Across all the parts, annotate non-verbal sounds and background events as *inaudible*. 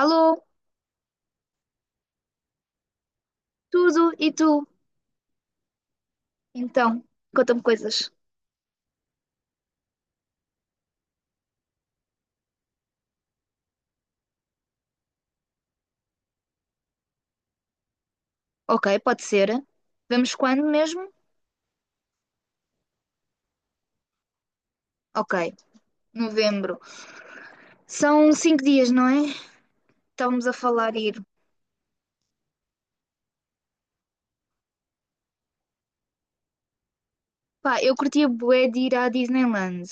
Alô, tudo e tu? Então, conta-me coisas. Ok, pode ser. Vamos quando mesmo? Ok, novembro. São 5 dias, não é? Estávamos a falar ir. Pá, eu curtia bué de ir à Disneyland.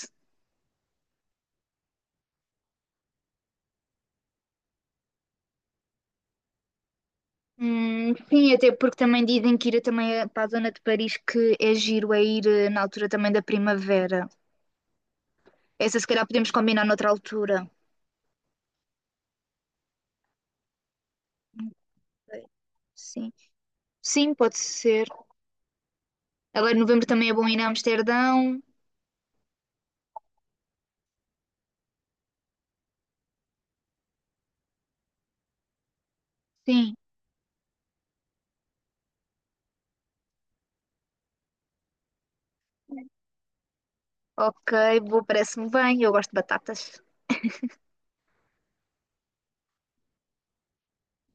Sim, até porque também dizem que ir também é para a zona de Paris que é giro, é ir na altura também da primavera. Essa se calhar podemos combinar noutra altura. Ok, sim, sim, pode ser. Agora em novembro também é bom ir a Amsterdão. Sim, ok, boa, parece-me bem. Eu gosto de batatas.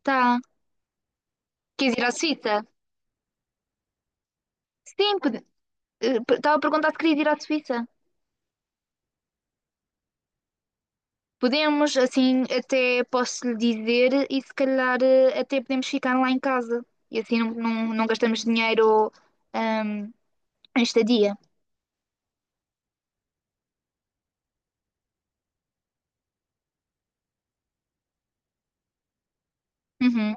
Tá. Queres ir à Suíça? Sim, estava a perguntar se querias ir à Suíça. Podemos, assim, até posso lhe dizer e se calhar até podemos ficar lá em casa. E assim não gastamos dinheiro ahm, em estadia. Uhum.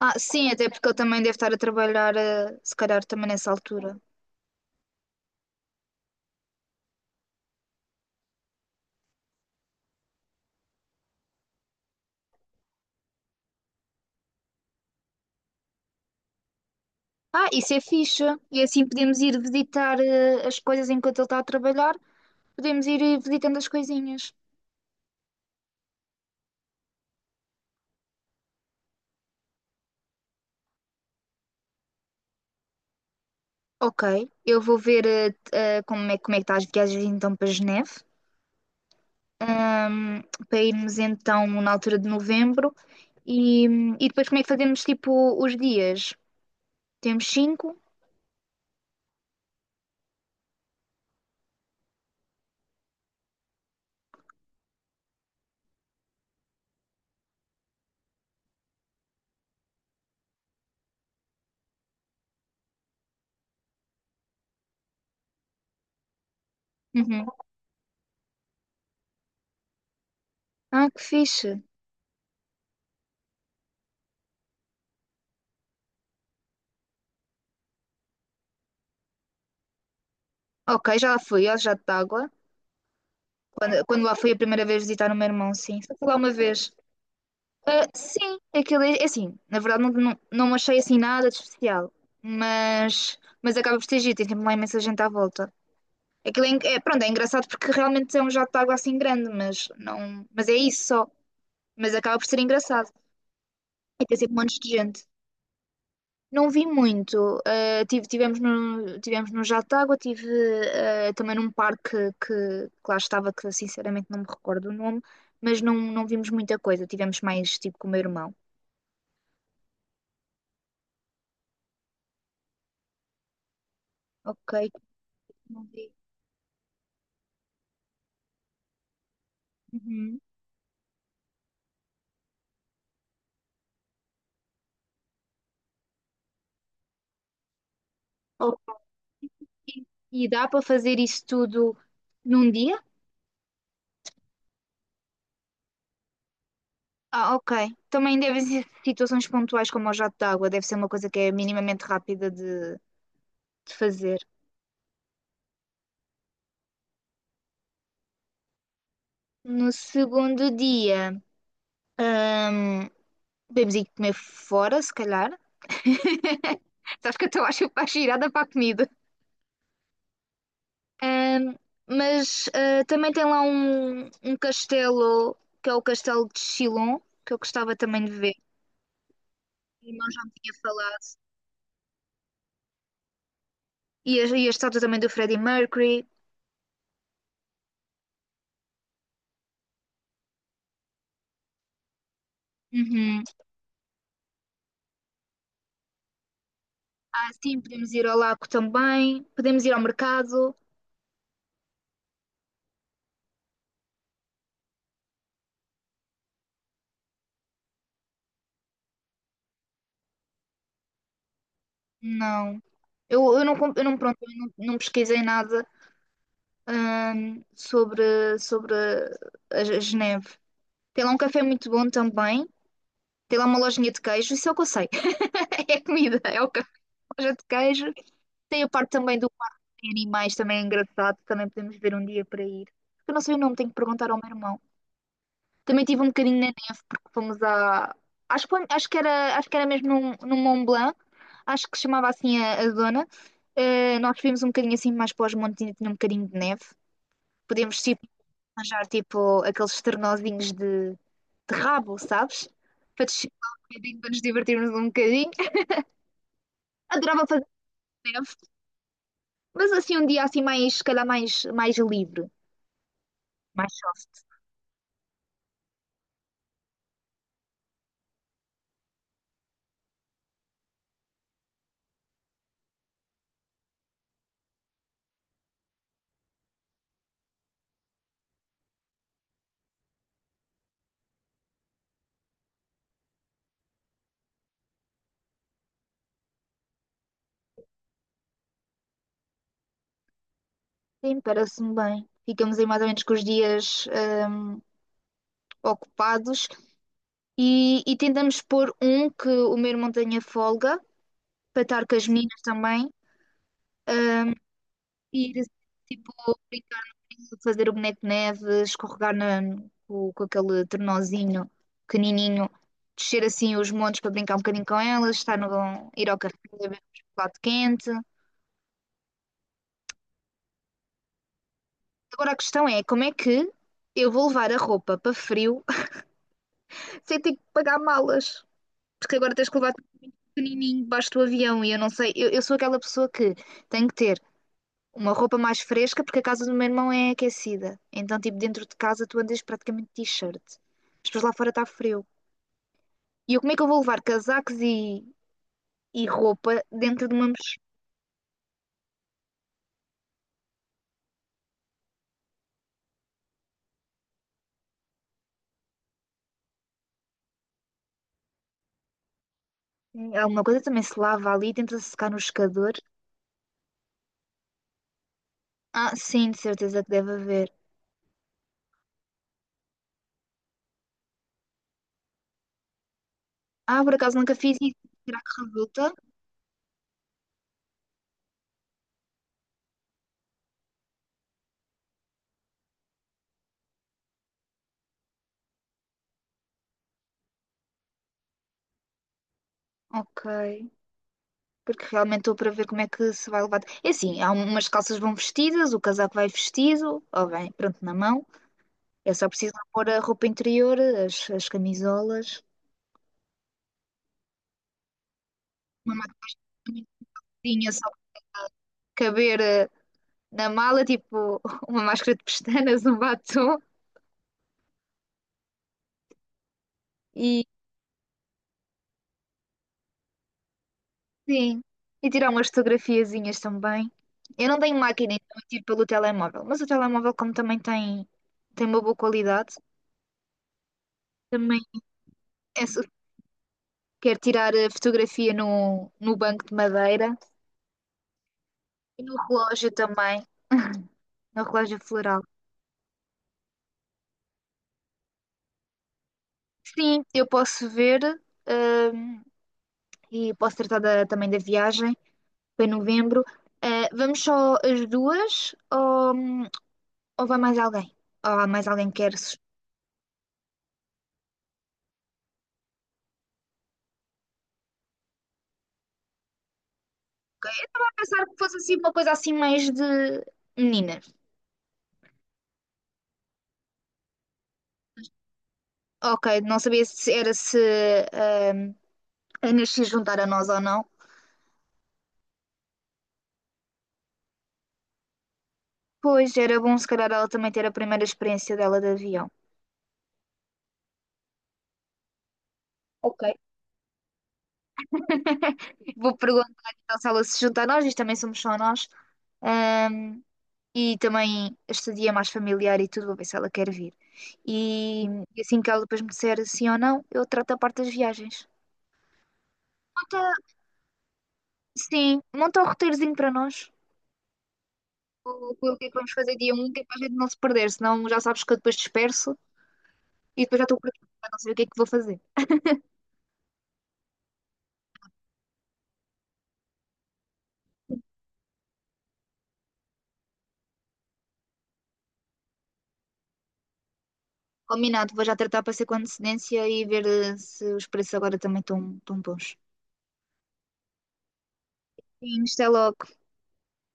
Ah, sim, até porque ele também deve estar a trabalhar, se calhar também nessa altura. Ah, isso é fixe. E assim podemos ir visitar as coisas enquanto ele está a trabalhar. Podemos ir visitando as coisinhas. Ok, eu vou ver como é que está as viagens então para Geneve, ahm, para irmos então na altura de novembro e, e depois como é que fazemos tipo os dias? Temos cinco? Uhum. Ah, que fixe. Ok, já lá fui, ó, já de água. Quando lá fui a primeira vez visitar o meu irmão, sim. Só fui lá uma vez. Ah, sim, aquilo é assim, na verdade não achei assim nada de especial, mas acaba por ter giro, tem sempre lá imensa gente à volta. Aquilo é, pronto, é engraçado porque realmente é um jato de água assim grande, mas não, mas é isso só. Mas acaba por ser engraçado. E tem sempre montes de gente. Não vi muito. Tivemos tivemos no jato de água, também num parque que lá estava, que sinceramente não me recordo o nome, mas não vimos muita coisa. Tivemos mais tipo com o meu irmão. Ok, não vi. Uhum. Ok. E dá para fazer isso tudo num dia? Ah, ok. Também devem ser situações pontuais como o jato de água, deve ser uma coisa que é minimamente rápida de fazer. No segundo dia, hum, podemos ir comer fora, se calhar. *laughs* Sabes que eu estou a chupar girada para a comida. Hum, mas também tem lá um castelo, que é o castelo de Chilon, que eu gostava também de ver. O irmão já me tinha falado. E a estátua também do Freddie Mercury. Uhum. Ah, sim, podemos ir ao lago também, podemos ir ao mercado. Não. Eu pronto, eu não, não pesquisei nada, sobre a Geneve. Tem lá um café muito bom também. Tem lá uma lojinha de queijo, isso é o que eu sei. *laughs* É comida, é o café, loja de queijo. Tem a parte também do parque de animais, também é engraçado. Também podemos ver um dia para ir. Eu não sei o nome, tenho que perguntar ao meu irmão. Também tive um bocadinho. Fomos a. Acho que era mesmo num Mont Blanc, acho que se chamava assim a zona. Nós vimos um bocadinho assim mais para os montes, ainda tinha um bocadinho de neve. Podemos tipo, arranjar tipo aqueles ternozinhos de rabo, sabes? Para descer lá um bocadinho, para nos divertirmos um bocadinho. *laughs* Adorava fazer neve, mas assim um dia assim mais, se calhar mais livre, mais soft. Sim, parece-me bem. Ficamos aí mais ou menos com os dias hum, ocupados. E tentamos pôr um que o meu irmão tenha folga, para estar com as meninas também, ir tipo brincar no rio, fazer o boneco de neve, escorregar na, com aquele tornozinho pequenininho, descer assim os montes para brincar um bocadinho com elas, estar no, ir ao café, beber um chocolate quente. Agora a questão é, como é que eu vou levar a roupa para frio *laughs* sem ter que pagar malas? Porque agora tens que levar tudo pequenininho debaixo do avião e eu não sei, eu sou aquela pessoa que tem que ter uma roupa mais fresca, porque a casa do meu irmão é aquecida. Então, tipo, dentro de casa tu andas praticamente de t-shirt. Mas depois lá fora está frio. E eu, como é que eu vou levar casacos e roupa dentro de uma mochila? Alguma coisa também se lava ali, tenta secar no secador. Ah, sim, de certeza que deve haver. Ah, por acaso nunca fiz isso. Será que resulta? Ok. Porque realmente estou para ver como é que se vai levar. É assim, há umas calças vão vestidas, o casaco vai vestido, ou bem, pronto, na mão. Eu só preciso pôr a roupa interior, as camisolas, uma máscara só para caber na mala, tipo *laughs* uma máscara de pestanas, um batom e sim, e tirar umas fotografiazinhas também. Eu não tenho máquina, então eu tiro pelo telemóvel, mas o telemóvel, como também tem uma boa qualidade, também é, su- quero tirar a fotografia no banco de madeira e no relógio também, *laughs* no relógio floral. Sim, eu posso ver. hum, e posso tratar também da viagem para novembro. Vamos só as duas ou vai mais alguém? Ou há mais alguém que quer se pensar que fosse assim uma coisa assim mais de meninas. Ok, não sabia se era se ehm, a Inês se juntar a nós ou não. Pois era bom se calhar ela também ter a primeira experiência dela de avião. Ok. Vou perguntar então se ela se junta a nós, isto também somos só nós. Ehm, E também este dia é mais familiar e tudo, vou ver se ela quer vir. E, e assim que ela depois me disser sim ou não, eu trato a parte das viagens. Monta, sim, monta um roteirozinho para nós. O que é que vamos fazer dia um que é para a gente não se perder, senão já sabes que eu depois disperso e depois já estou por aqui, já não sei o que é que vou fazer. Combinado, vou já tratar para ser com antecedência e ver se os preços agora também estão bons. Sim, isto é logo.